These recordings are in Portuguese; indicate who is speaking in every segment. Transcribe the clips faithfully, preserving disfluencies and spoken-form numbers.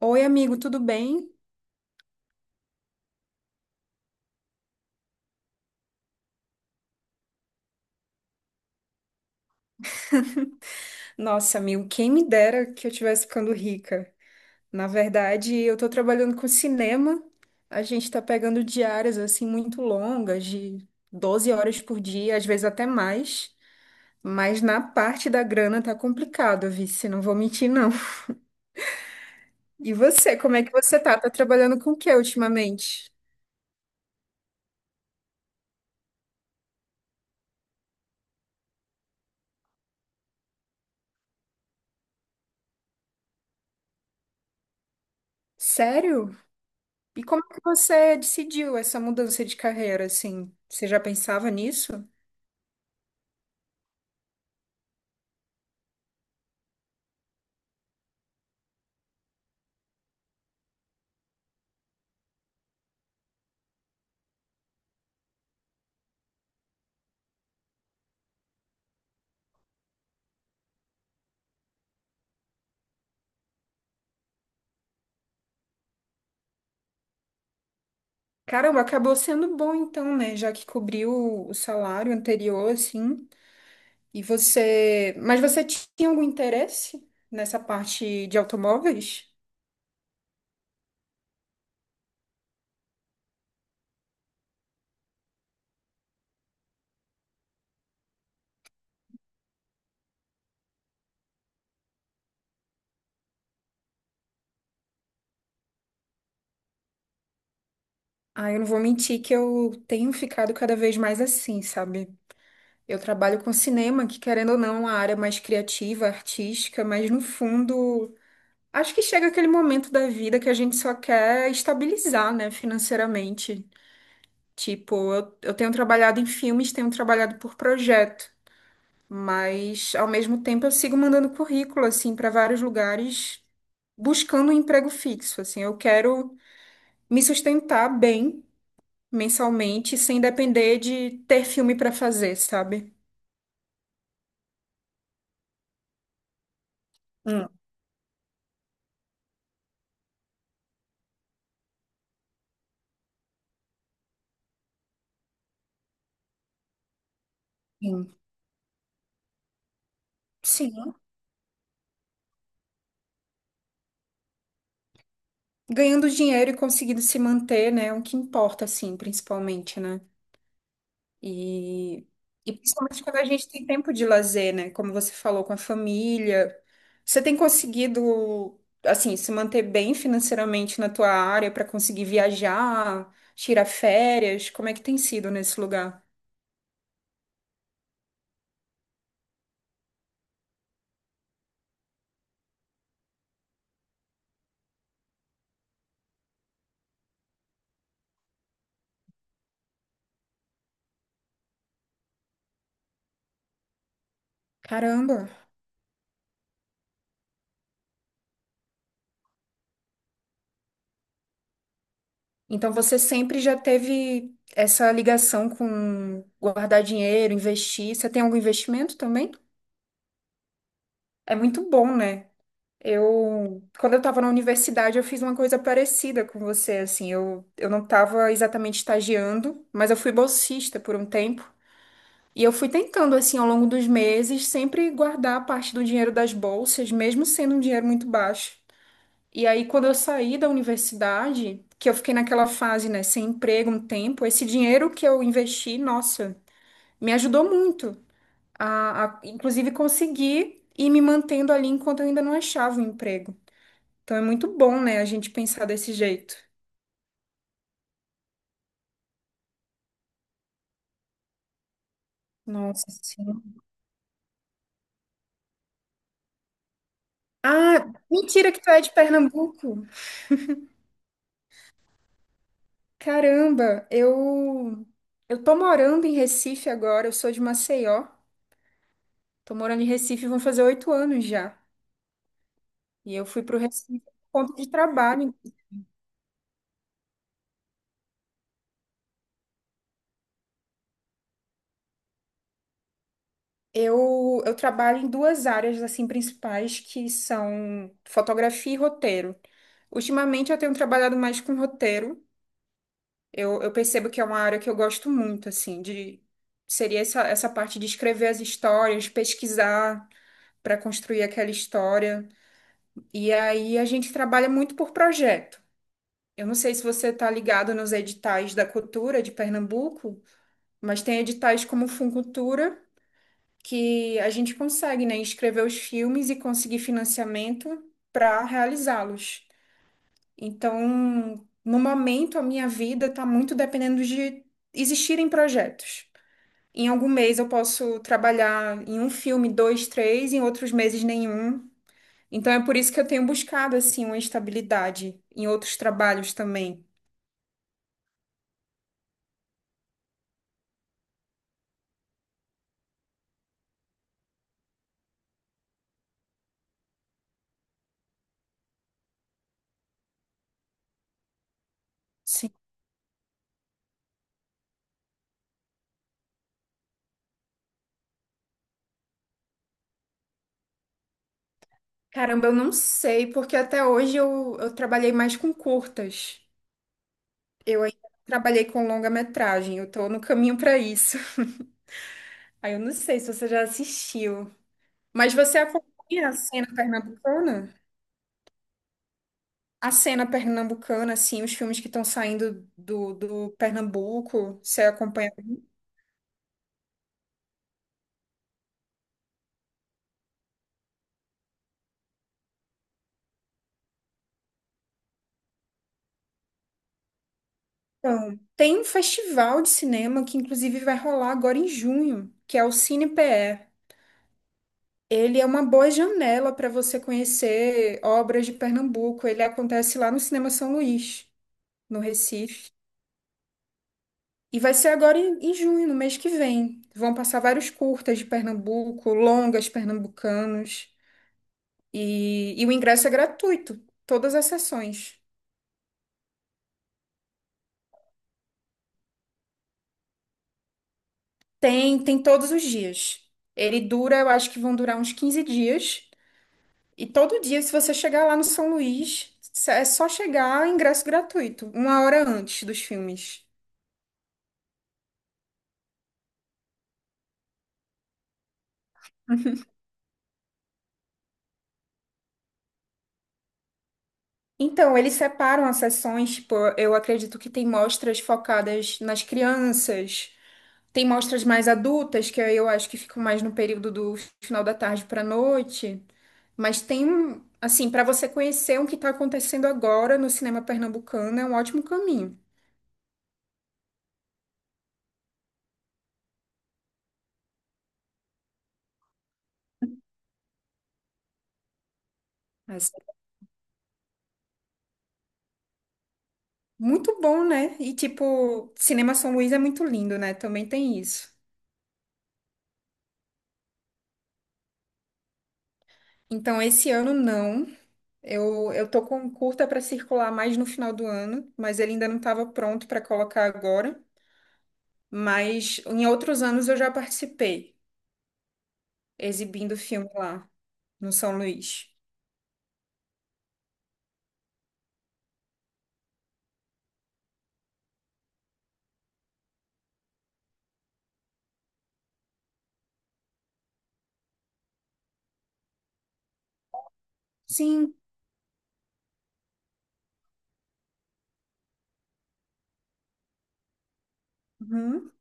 Speaker 1: Oi, amigo, tudo bem? Nossa, amigo, quem me dera que eu estivesse ficando rica. Na verdade, eu tô trabalhando com cinema. A gente tá pegando diárias assim muito longas, de doze horas por dia, às vezes até mais. Mas na parte da grana tá complicado, Vice, não vou mentir, não. E você, como é que você tá? Tá trabalhando com o que ultimamente? Sério? E como é que você decidiu essa mudança de carreira, assim? Você já pensava nisso? Caramba, acabou sendo bom então, né? Já que cobriu o salário anterior, assim. E você. Mas você tinha algum interesse nessa parte de automóveis? Ah, eu não vou mentir que eu tenho ficado cada vez mais assim, sabe? Eu trabalho com cinema, que querendo ou não, é uma área mais criativa, artística, mas no fundo, acho que chega aquele momento da vida que a gente só quer estabilizar, né, financeiramente. Tipo, eu, eu tenho trabalhado em filmes, tenho trabalhado por projeto. Mas, ao mesmo tempo, eu sigo mandando currículo, assim, para vários lugares, buscando um emprego fixo, assim. Eu quero me sustentar bem mensalmente, sem depender de ter filme para fazer, sabe? Hum. Sim. Sim. Ganhando dinheiro e conseguindo se manter, né? É o que importa, assim, principalmente, né? E, e principalmente quando a gente tem tempo de lazer, né? Como você falou, com a família. Você tem conseguido, assim, se manter bem financeiramente na tua área para conseguir viajar, tirar férias? Como é que tem sido nesse lugar? Caramba! Então você sempre já teve essa ligação com guardar dinheiro, investir. Você tem algum investimento também? É muito bom, né? Eu, quando eu estava na universidade, eu fiz uma coisa parecida com você, assim, eu, eu não estava exatamente estagiando, mas eu fui bolsista por um tempo, e eu fui tentando, assim, ao longo dos meses, sempre guardar parte do dinheiro das bolsas, mesmo sendo um dinheiro muito baixo. E aí, quando eu saí da universidade, que eu fiquei naquela fase, né, sem emprego um tempo, esse dinheiro que eu investi, nossa, me ajudou muito a, a inclusive, conseguir ir me mantendo ali enquanto eu ainda não achava um emprego. Então é muito bom, né, a gente pensar desse jeito. Nossa Senhora. Ah, mentira que tu é de Pernambuco. Caramba, eu eu tô morando em Recife agora, eu sou de Maceió. Tô morando em Recife, vão fazer oito anos já. E eu fui pro Recife por conta de trabalho. Eu, eu trabalho em duas áreas assim principais que são fotografia e roteiro. Ultimamente eu tenho trabalhado mais com roteiro. Eu, eu percebo que é uma área que eu gosto muito, assim, de seria essa, essa parte de escrever as histórias, pesquisar para construir aquela história. E aí a gente trabalha muito por projeto. Eu não sei se você está ligado nos editais da cultura de Pernambuco, mas tem editais como o Funcultura, que a gente consegue, né, escrever os filmes e conseguir financiamento para realizá-los. Então, no momento, a minha vida está muito dependendo de existirem projetos. Em algum mês eu posso trabalhar em um filme, dois, três, em outros meses nenhum. Então é por isso que eu tenho buscado assim uma estabilidade em outros trabalhos também. Sim. Caramba, eu não sei, porque até hoje eu, eu trabalhei mais com curtas. Eu ainda não trabalhei com longa-metragem, eu tô no caminho para isso. Aí eu não sei se você já assistiu. Mas você acompanha a cena pernambucana? A cena pernambucana, assim, os filmes que estão saindo do, do Pernambuco, você acompanha? Então, tem um festival de cinema que inclusive vai rolar agora em junho, que é o Cine P E. Ele é uma boa janela para você conhecer obras de Pernambuco. Ele acontece lá no Cinema São Luís, no Recife. E vai ser agora em, em junho, no mês que vem. Vão passar vários curtas de Pernambuco, longas pernambucanos. E, e o ingresso é gratuito, todas as sessões. Tem, tem todos os dias. Ele dura, eu acho que vão durar uns quinze dias. E todo dia, se você chegar lá no São Luís, é só chegar, ingresso gratuito, uma hora antes dos filmes. Então, eles separam as sessões, tipo, eu acredito que tem mostras focadas nas crianças, tem mostras mais adultas, que aí eu acho que ficam mais no período do final da tarde para noite, mas tem, um- assim, para você conhecer o que está acontecendo agora no cinema pernambucano, é um ótimo caminho. Mas é muito bom, né? E, tipo, Cinema São Luís é muito lindo, né? Também tem isso. Então, esse ano não. Eu, eu tô com curta para circular mais no final do ano, mas ele ainda não estava pronto para colocar agora. Mas em outros anos eu já participei, exibindo filme lá no São Luís. Sim. Uhum.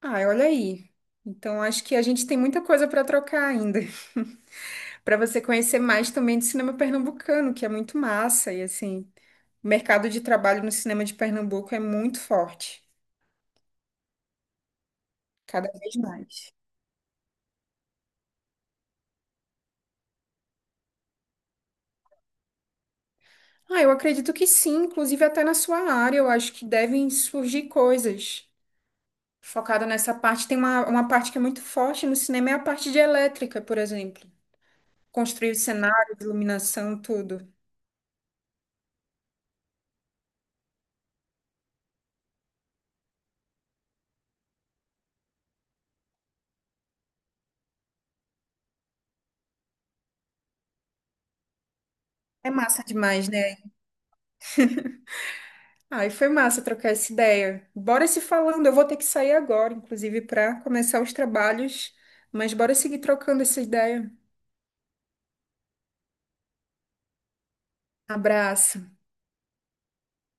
Speaker 1: Ah, olha aí. Então, acho que a gente tem muita coisa para trocar ainda, para você conhecer mais também do cinema pernambucano, que é muito massa. E assim, o mercado de trabalho no cinema de Pernambuco é muito forte, cada vez mais. Ah, eu acredito que sim, inclusive até na sua área, eu acho que devem surgir coisas focada nessa parte. Tem uma, uma parte que é muito forte no cinema, é a parte de elétrica, por exemplo. Construir os cenários, iluminação, tudo. É massa demais, né? Ah, e foi massa trocar essa ideia. Bora se falando, eu vou ter que sair agora, inclusive, para começar os trabalhos, mas bora seguir trocando essa ideia. Abraço.